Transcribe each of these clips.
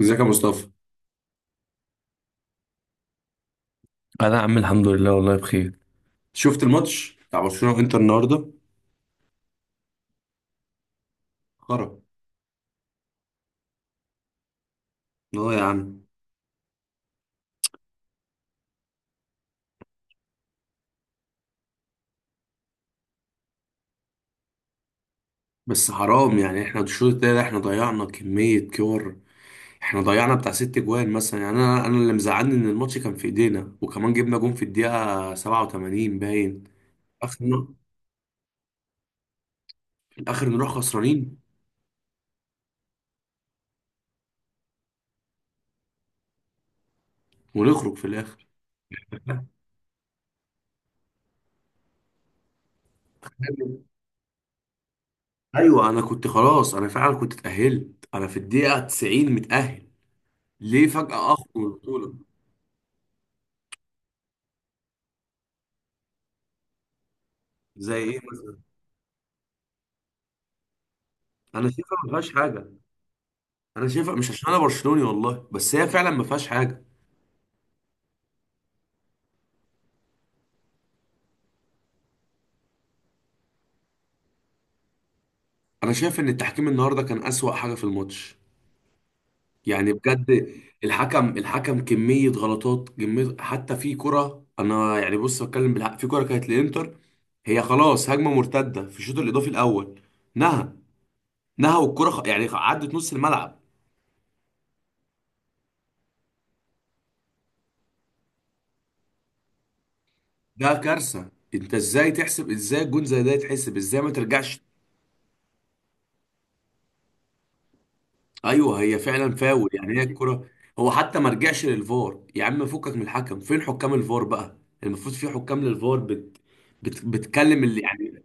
ازيك يا مصطفى؟ انا يا عم الحمد لله، والله بخير. شفت الماتش بتاع برشلونة وانتر النهارده؟ خرا. لا يا عم. بس حرام، يعني احنا الشوط التاني احنا ضيعنا كمية كور. احنا ضيعنا بتاع 6 جوان مثلا، يعني انا اللي مزعلني ان الماتش كان في ايدينا، وكمان جبنا جون في الدقيقة 87 باين. اخر ن- في الاخر نروح خسرانين ونخرج في الاخر. ايوه، انا كنت خلاص، انا فعلا كنت اتأهلت، انا في الدقيقة 90 متأهل. ليه فجأة اخرج من البطولة؟ زي ايه مثلا؟ انا شايفها ما فيهاش حاجة. انا شايفها مش عشان انا برشلوني والله، بس هي فعلا ما فيهاش حاجه. انا شايف ان التحكيم النهارده كان اسوأ حاجه في الماتش، يعني بجد. الحكم الحكم كميه غلطات، كميه، حتى في كره، انا يعني بص بتكلم بالحق، في كره كانت للانتر. هي خلاص هجمه مرتده في الشوط الاضافي الاول. نهى، نهى والكره يعني عدت نص الملعب. ده كارثه، انت ازاي تحسب، ازاي جون زي ده يتحسب، ازاي ما ترجعش؟ ايوه هي فعلا فاول، يعني هي الكرة. هو حتى ما رجعش للفار يا عم، فكك من الحكم، فين حكام الفار بقى؟ المفروض في حكام للفار. بتكلم اللي يعني.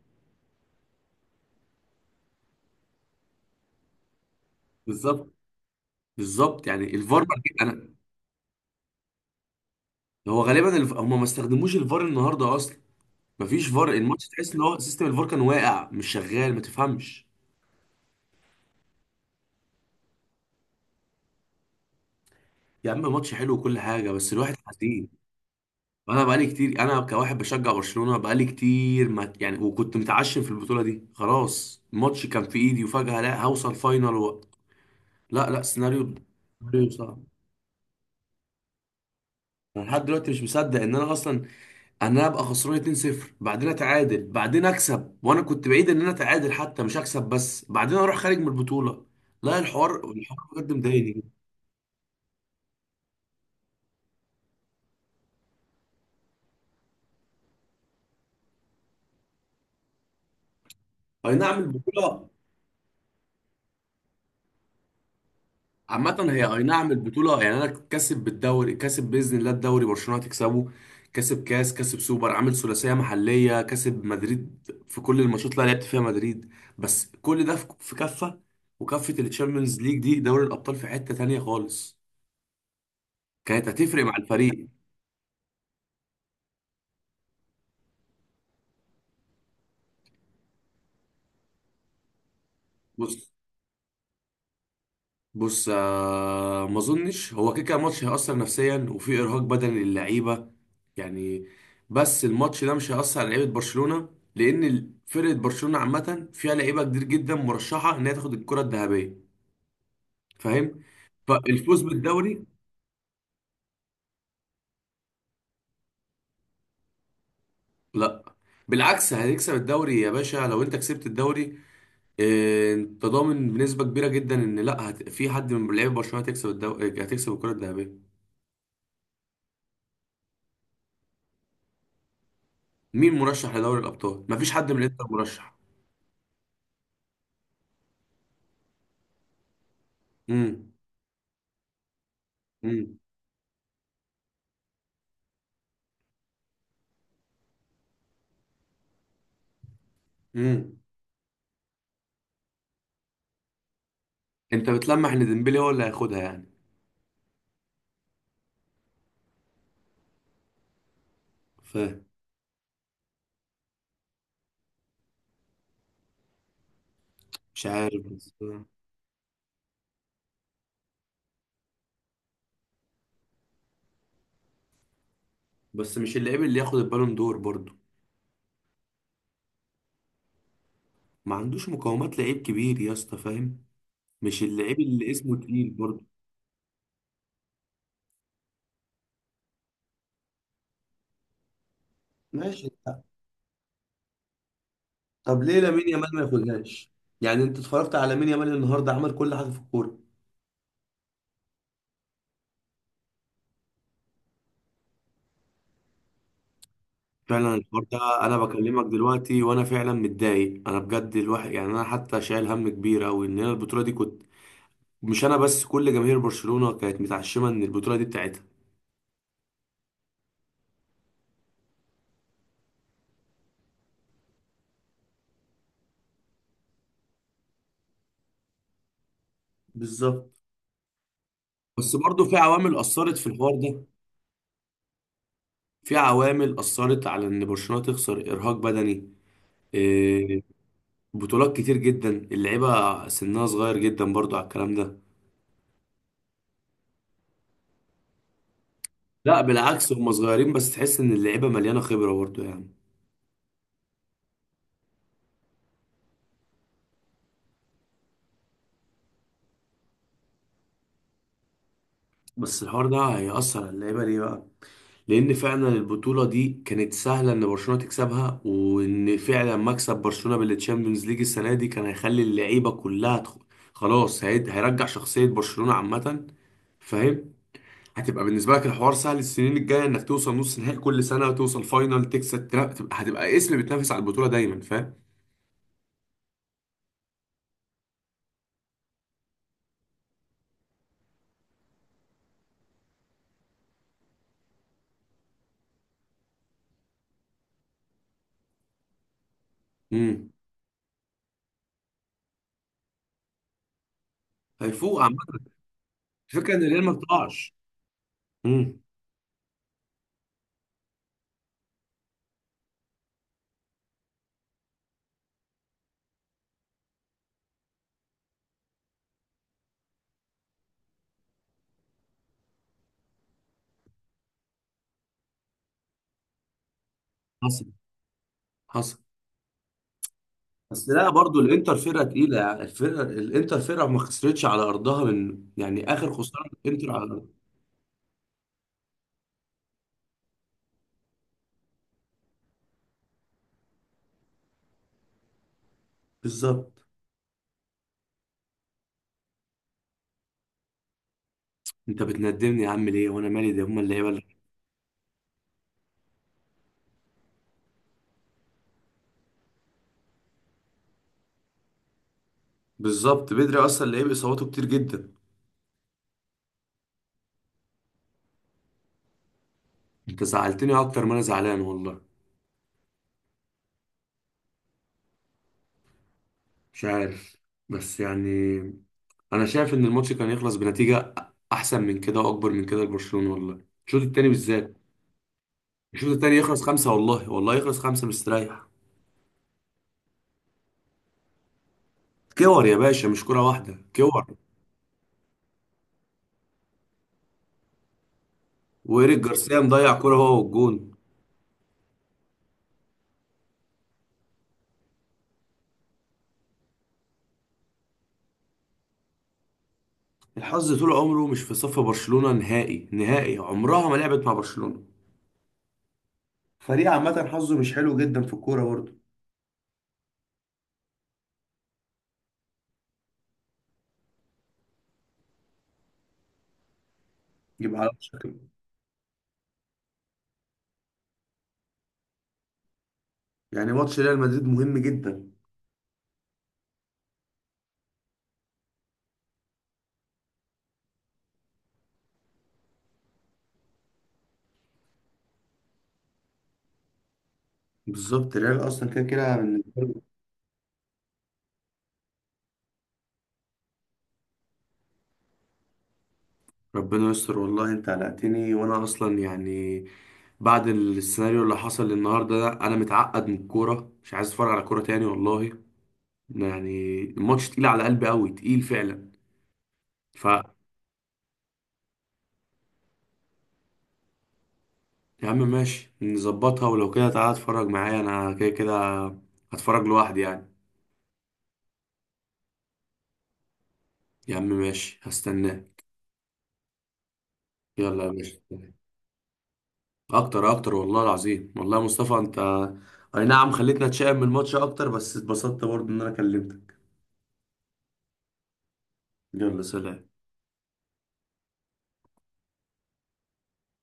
بالظبط. بالظبط، يعني الفار ما رجع- انا. هو غالبا هم ما استخدموش الفار النهارده اصلا. ما فيش فار، الماتش تحس ان هو سيستم الفار كان واقع مش شغال، ما تفهمش. يا عم ماتش حلو وكل حاجه، بس الواحد حزين. انا بقالي كتير، انا كواحد بشجع برشلونة بقالي كتير ما يعني، وكنت متعشم في البطولة دي، خلاص الماتش كان في ايدي وفجأة لا، هوصل فاينل لا لا، سيناريو. سيناريو صعب. انا لحد دلوقتي مش مصدق ان انا اصلا، ان انا ابقى خسران 2-0 بعدين اتعادل بعدين اكسب، وانا كنت بعيد ان انا اتعادل حتى مش اكسب، بس بعدين اروح خارج من البطولة. لا، الحوار الحوار بجد مضايقني. اي نعم البطولة. عامة، هي أي نعم البطولة. يعني أنا كاسب بالدوري، كاسب بإذن الله الدوري، برشلونة هتكسبه. كاسب كاسب سوبر، عامل ثلاثية محلية، كاسب مدريد في كل الماتشات اللي أنا لعبت فيها مدريد. بس كل ده في كفة، وكفة الشامبيونز ليج دي دوري الأبطال في حتة تانية خالص. كانت هتفرق مع الفريق. بص. بص، آه، ما اظنش، هو كده كده ماتش هيأثر نفسيا وفي ارهاق بدني للعيبه، يعني. بس الماتش ده مش هيأثر على لعيبه برشلونه، لان فرقه برشلونه عامه فيها لعيبه كتير جدا مرشحه ان هي تاخد الكره الذهبيه. فاهم؟ فالفوز بالدوري. لا بالعكس، هتكسب الدوري يا باشا. لو انت كسبت الدوري، آه، انت ضامن بنسبه كبيره جدا ان لا في حد من لعيبه برشلونه هتكسب الدوري، هتكسب الكره الذهبيه. مين مرشح لدوري الابطال؟ مفيش حد من الانتر مرشح. امم. مم. مم. انت بتلمح ان ديمبلي هو اللي هياخدها يعني؟ فاهم. مش عارف بس. بس مش اللعيب اللي ياخد البالون دور برضه. ما عندوش مقومات لعيب كبير يا اسطى، فاهم؟ مش اللعيب اللي اسمه تقيل برضه. ماشي. طب ليه لامين يامال ما ياخدهاش؟ يعني انت اتفرجت على لامين يامال النهارده؟ عمل كل حاجه في الكوره. فعلا الحوار ده. انا بكلمك دلوقتي وانا فعلا متضايق، انا بجد، الواحد يعني انا حتى شايل هم كبير قوي ان انا البطوله دي كنت. مش انا بس، كل جماهير برشلونه كانت متعشمه ان البطوله دي بتاعتها. بالظبط. بس برضه في عوامل أثرت في الحوار ده. في عوامل أثرت على إن برشلونة تخسر، إرهاق بدني، إيه، بطولات كتير جدا، اللعيبة سنها صغير جدا برضه على الكلام ده. لا بالعكس، هم صغيرين بس تحس إن اللعيبة مليانة خبرة برضه، يعني. بس الحوار ده هيأثر على اللعيبة ليه بقى؟ لأن فعلا البطولة دي كانت سهلة إن برشلونة تكسبها، وإن فعلا مكسب برشلونة بالتشامبيونز ليج السنة دي كان هيخلي اللعيبة كلها خلاص هيرجع شخصية برشلونة عامة. فاهم؟ هتبقى بالنسبه لك الحوار سهل، السنين الجايه انك توصل نص نهائي كل سنه وتوصل فاينل تكسب، تبقى، هتبقى اسم بتنافس على البطوله دايما، فاهم؟ امم. هيفوق عامه. الفكره ان الريال ما بتقعش. امم. حصل. حصل. بس لا، برضو الانتر فرقه تقيله، يعني الفرقه الانتر فرقه ما خسرتش على ارضها من، يعني اخر خساره الانتر على ارضها. بالظبط. انت بتندمني يا عم ليه وانا مالي، ده هما اللعيبه اللي- بالظبط، بدري اصلا لعيب اصاباته كتير جدا. انت زعلتني اكتر ما انا زعلان والله. مش عارف بس، يعني انا شايف ان الماتش كان يخلص بنتيجه احسن من كده واكبر من كده لبرشلونه والله، الشوط التاني بالذات. الشوط التاني يخلص 5 والله، والله يخلص 5 مستريح. كور يا باشا، مش كره واحده، كور. وايريك جارسيا مضيع كره هو والجون. الحظ طول عمره مش في صف برشلونه نهائي نهائي، عمرها ما لعبت مع برشلونه، فريق عامه حظه مش حلو جدا في الكوره برضه. يبقى على وشك. يعني ماتش ريال مدريد مهم جدا. بالظبط، ريال اصلا كده كده. ربنا يستر والله، انت قلقتني، وانا اصلا يعني بعد السيناريو اللي حصل النهارده ده انا متعقد من الكوره، مش عايز اتفرج على كوره تاني والله. يعني الماتش تقيل على قلبي قوي، تقيل فعلا. ف يا عم ماشي نظبطها، ولو كده تعالى اتفرج معايا، انا كده كده هتفرج لوحدي يعني. يا عم ماشي، هستناه. يلا يا باشا. اكتر اكتر والله العظيم، والله يا مصطفى انت، اي نعم خليتنا نتشائم من الماتش اكتر، بس اتبسطت برضه ان انا كلمتك. يلا، سلام.